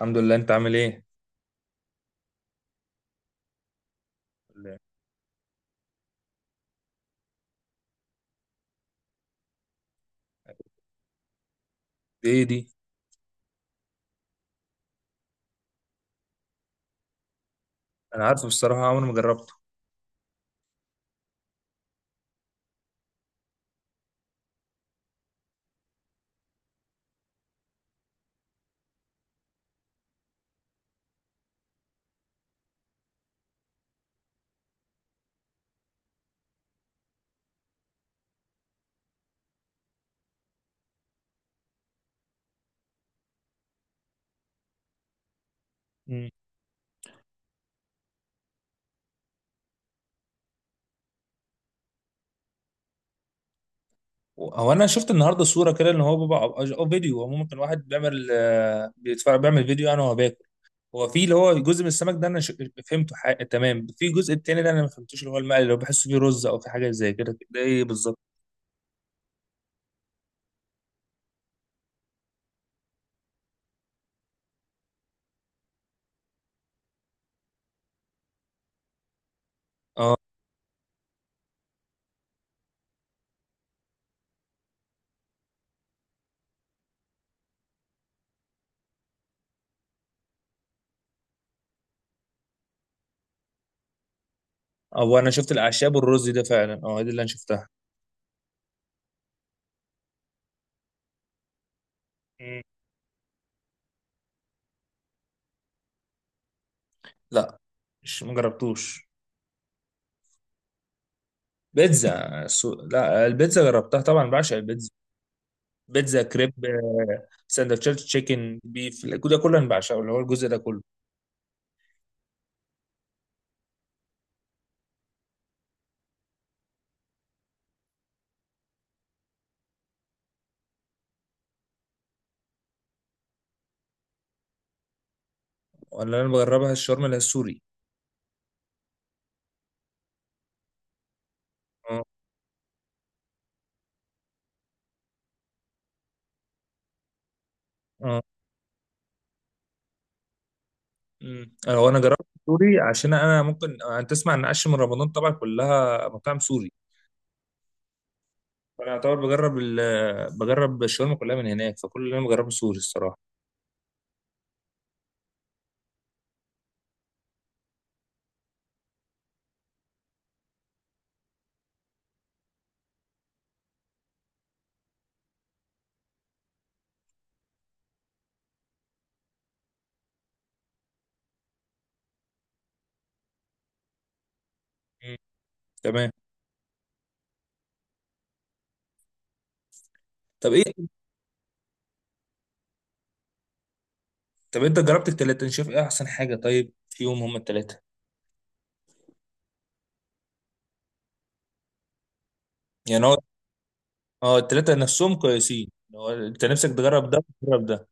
الحمد لله. انت عامل ايه؟ ايه دي؟ انا عارفه بصراحه، عمري ما جربته. مم. هو انا شفت النهارده صوره كده ان هو بيبقى، او فيديو، هو ممكن واحد بيعمل بيتفرج بيعمل فيديو انا وهو باكل. هو في اللي هو جزء من السمك ده انا فهمته تمام. في الجزء التاني ده انا ما فهمتوش، اللي هو المقلي اللي هو بحسه فيه رز او في حاجه زي كده، ده ايه بالظبط؟ اه. هو انا شفت الاعشاب والرز ده فعلا، اه، دي اللي انا شفتها. مم. لا، مش ما جربتوش. لا، البيتزا جربتها طبعا، بعشق البيتزا. بيتزا كريب، سندوتشات تشيكن بيف، الجو ده كله انا بعشقه، اللي هو الجزء ده كله. ولا انا بجربها الشاورما اللي هي السوري. اه. اه. أمم. هو انا جربت السوري عشان انا ممكن انت تسمع ان عش من رمضان طبعا كلها مطاعم سوري. فانا اعتبر بجرب بجرب الشاورما كلها من هناك، فكل اللي انا بجربه سوري الصراحه. أمم. تمام. طب ايه طب انت جربت التلاته، انت شايف ايه احسن حاجه طيب فيهم هم التلاته؟ يعني هو، اه، التلاته نفسهم كويسين. هو انت نفسك تجرب ده تجرب ده.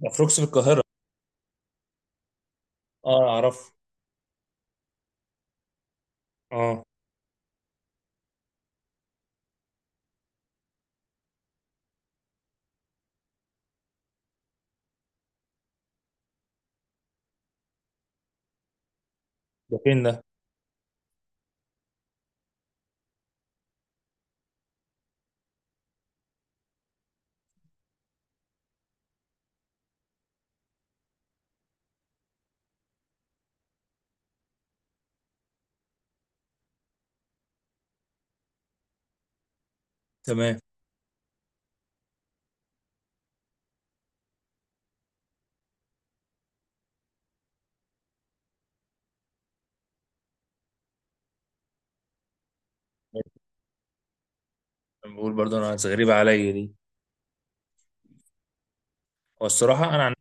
ده فروكس في القاهره. اه اعرف. اه. ده فين ده؟ تمام. بقول برضه انا غريبه عليا دي. هو الصراحه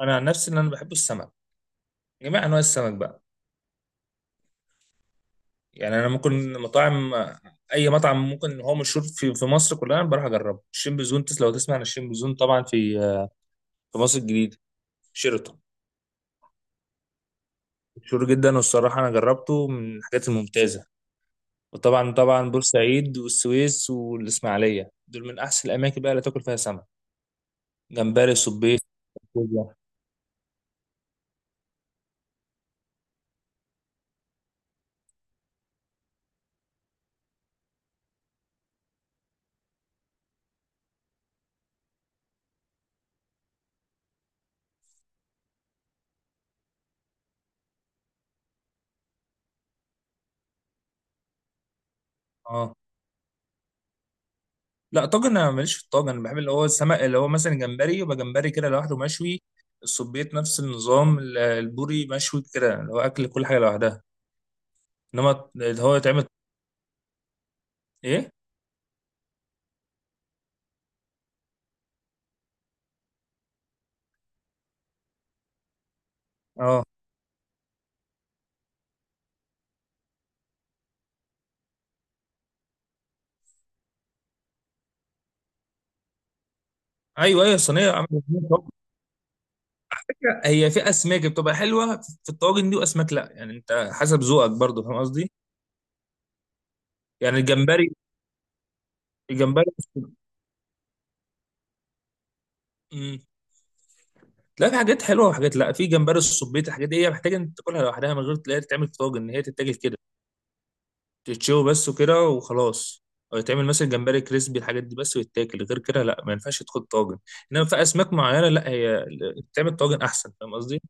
انا عن نفسي ان انا بحب السمك. جميع انواع السمك بقى. يعني انا ممكن مطاعم، اي مطعم ممكن هو مشهور في مصر كلها انا بروح اجربه. الشين بزون، لو تسمع عن الشين بزون، طبعا في، في مصر الجديده، شيراتون. مشهور جدا، والصراحه انا جربته من الحاجات الممتازه. وطبعا طبعا بورسعيد والسويس والاسماعيليه دول من احسن الاماكن بقى اللي تاكل فيها سمك، جمبري، صبيط، كوبيا. اه. لا، طاجن انا ماليش في الطاجن. انا بحب اللي هو السمك اللي هو مثلا جمبري يبقى جمبري كده لوحده مشوي. السبيط نفس النظام، البوري مشوي كده، اللي هو اكل كل حاجه لوحدها. انما اللي هو يتعمل ايه. اه. ايوه ايوه، الصينيه عامله صينية طاجن. على فكرة، هي في اسماك بتبقى حلوه في الطاجن دي واسماك لا، يعني انت حسب ذوقك برضو، فاهم قصدي؟ يعني الجمبري. الجمبري. مم. لا، في حاجات حلوه وحاجات لا. في جمبري، السبيط، الحاجات دي هي محتاجه انت تاكلها لوحدها من غير تلاقيها تتعمل في طاجن، ان هي تتاكل كده، تتشوي بس وكده وخلاص. أو يتعمل مثلا جمبري كريسبي، الحاجات دي بس ويتاكل غير كده، لا، ما ينفعش تاخد طاجن. انما في اسماك معينه، لا، هي بتعمل طاجن احسن، فاهم قصدي؟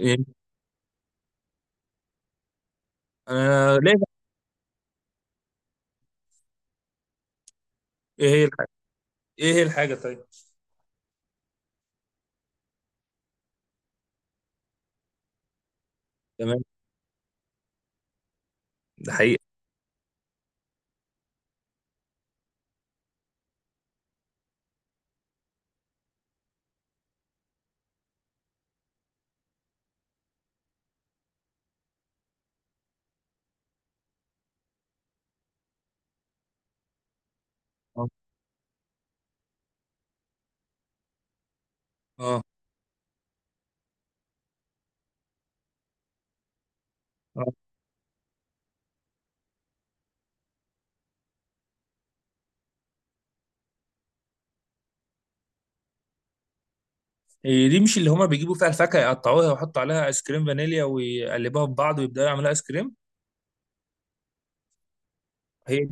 إيه؟ انا ليه. ايه هي الحاجه؟ ايه هي الحاجه طيب؟ تمام. ده حقيقة. اه. اه. آه. إيه دي مش اللي هما بيجيبوا فيها الفاكهة يقطعوها ويحطوا عليها ايس كريم فانيليا ويقلبوها في بعض ويبدأوا يعملوا ايس كريم؟ هي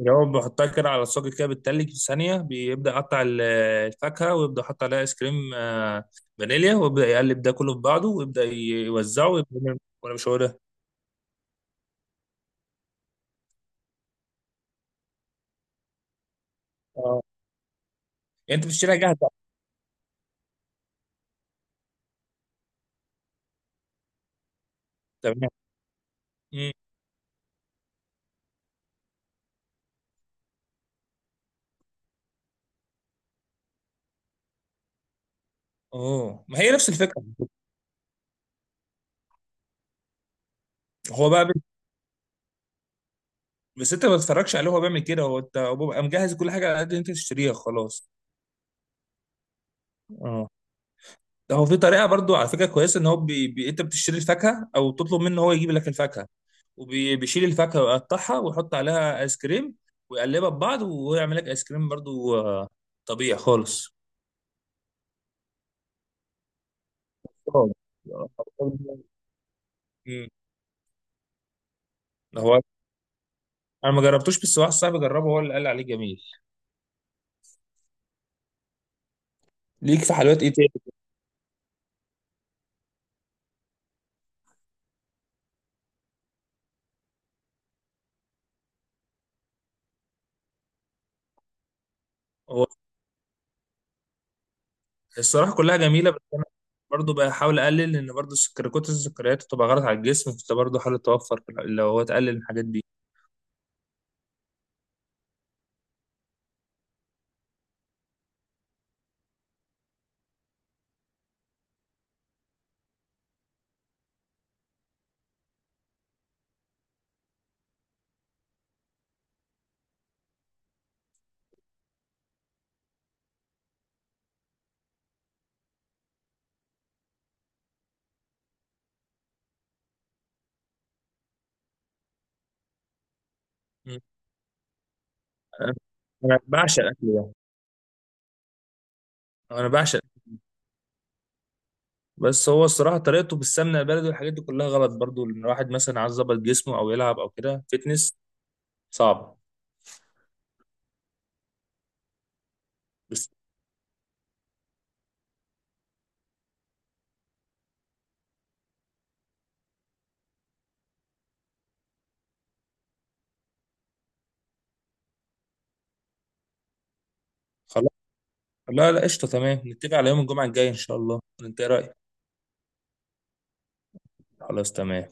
جواب بحطها كده على الصاج، كده بتتلج في ثانية، بيبدأ يقطع الفاكهة، ويبدأ يحط عليها ايس كريم فانيليا، ويبدأ يقلب ده كله في بعضه، ويبدأ يوزعه، ويبدأ ولا مش هو ده؟ اه. يعني انت بتشتريها جاهزة؟ تمام. مم. اوه، ما هي نفس الفكرة. هو بقى بي- بس انت ما تتفرجش عليه هو بيعمل كده، هو انت، هو بيبقى مجهز كل حاجة على قد انت تشتريها خلاص. اه. هو في طريقه برضو على فكره كويسه، ان هو انت بتشتري الفاكهه او تطلب منه هو يجيب لك الفاكهه، وبيشيل الفاكهه ويقطعها ويحط عليها ايس كريم، ويقلبها ببعض ويعمل لك ايس كريم برضو، طبيعي خالص. آه. مم. هو انا ما جربتوش، بس واحد صاحبي جربه هو اللي قال عليه جميل. ليك في حلويات ايه تاني؟ هو الصراحه كلها جميله، بس انا برضو بحاول اقلل، لان برضو السكر، كتر السكريات بتبقى غلط على الجسم، فانت برضو حاول توفر في لو هو تقلل الحاجات دي. مم. انا أنا بعشق الاكل ده. انا بعشق. بس هو الصراحه طريقته بالسمنه البلدي والحاجات دي كلها غلط برضو، ان الواحد مثلا عايز يظبط جسمه او يلعب او كده فيتنس صعب. بس. خلاص. لا لا، قشطه، تمام، نتفق على يوم الجمعه الجاي ان شاء الله، انت ايه رايك؟ خلاص تمام.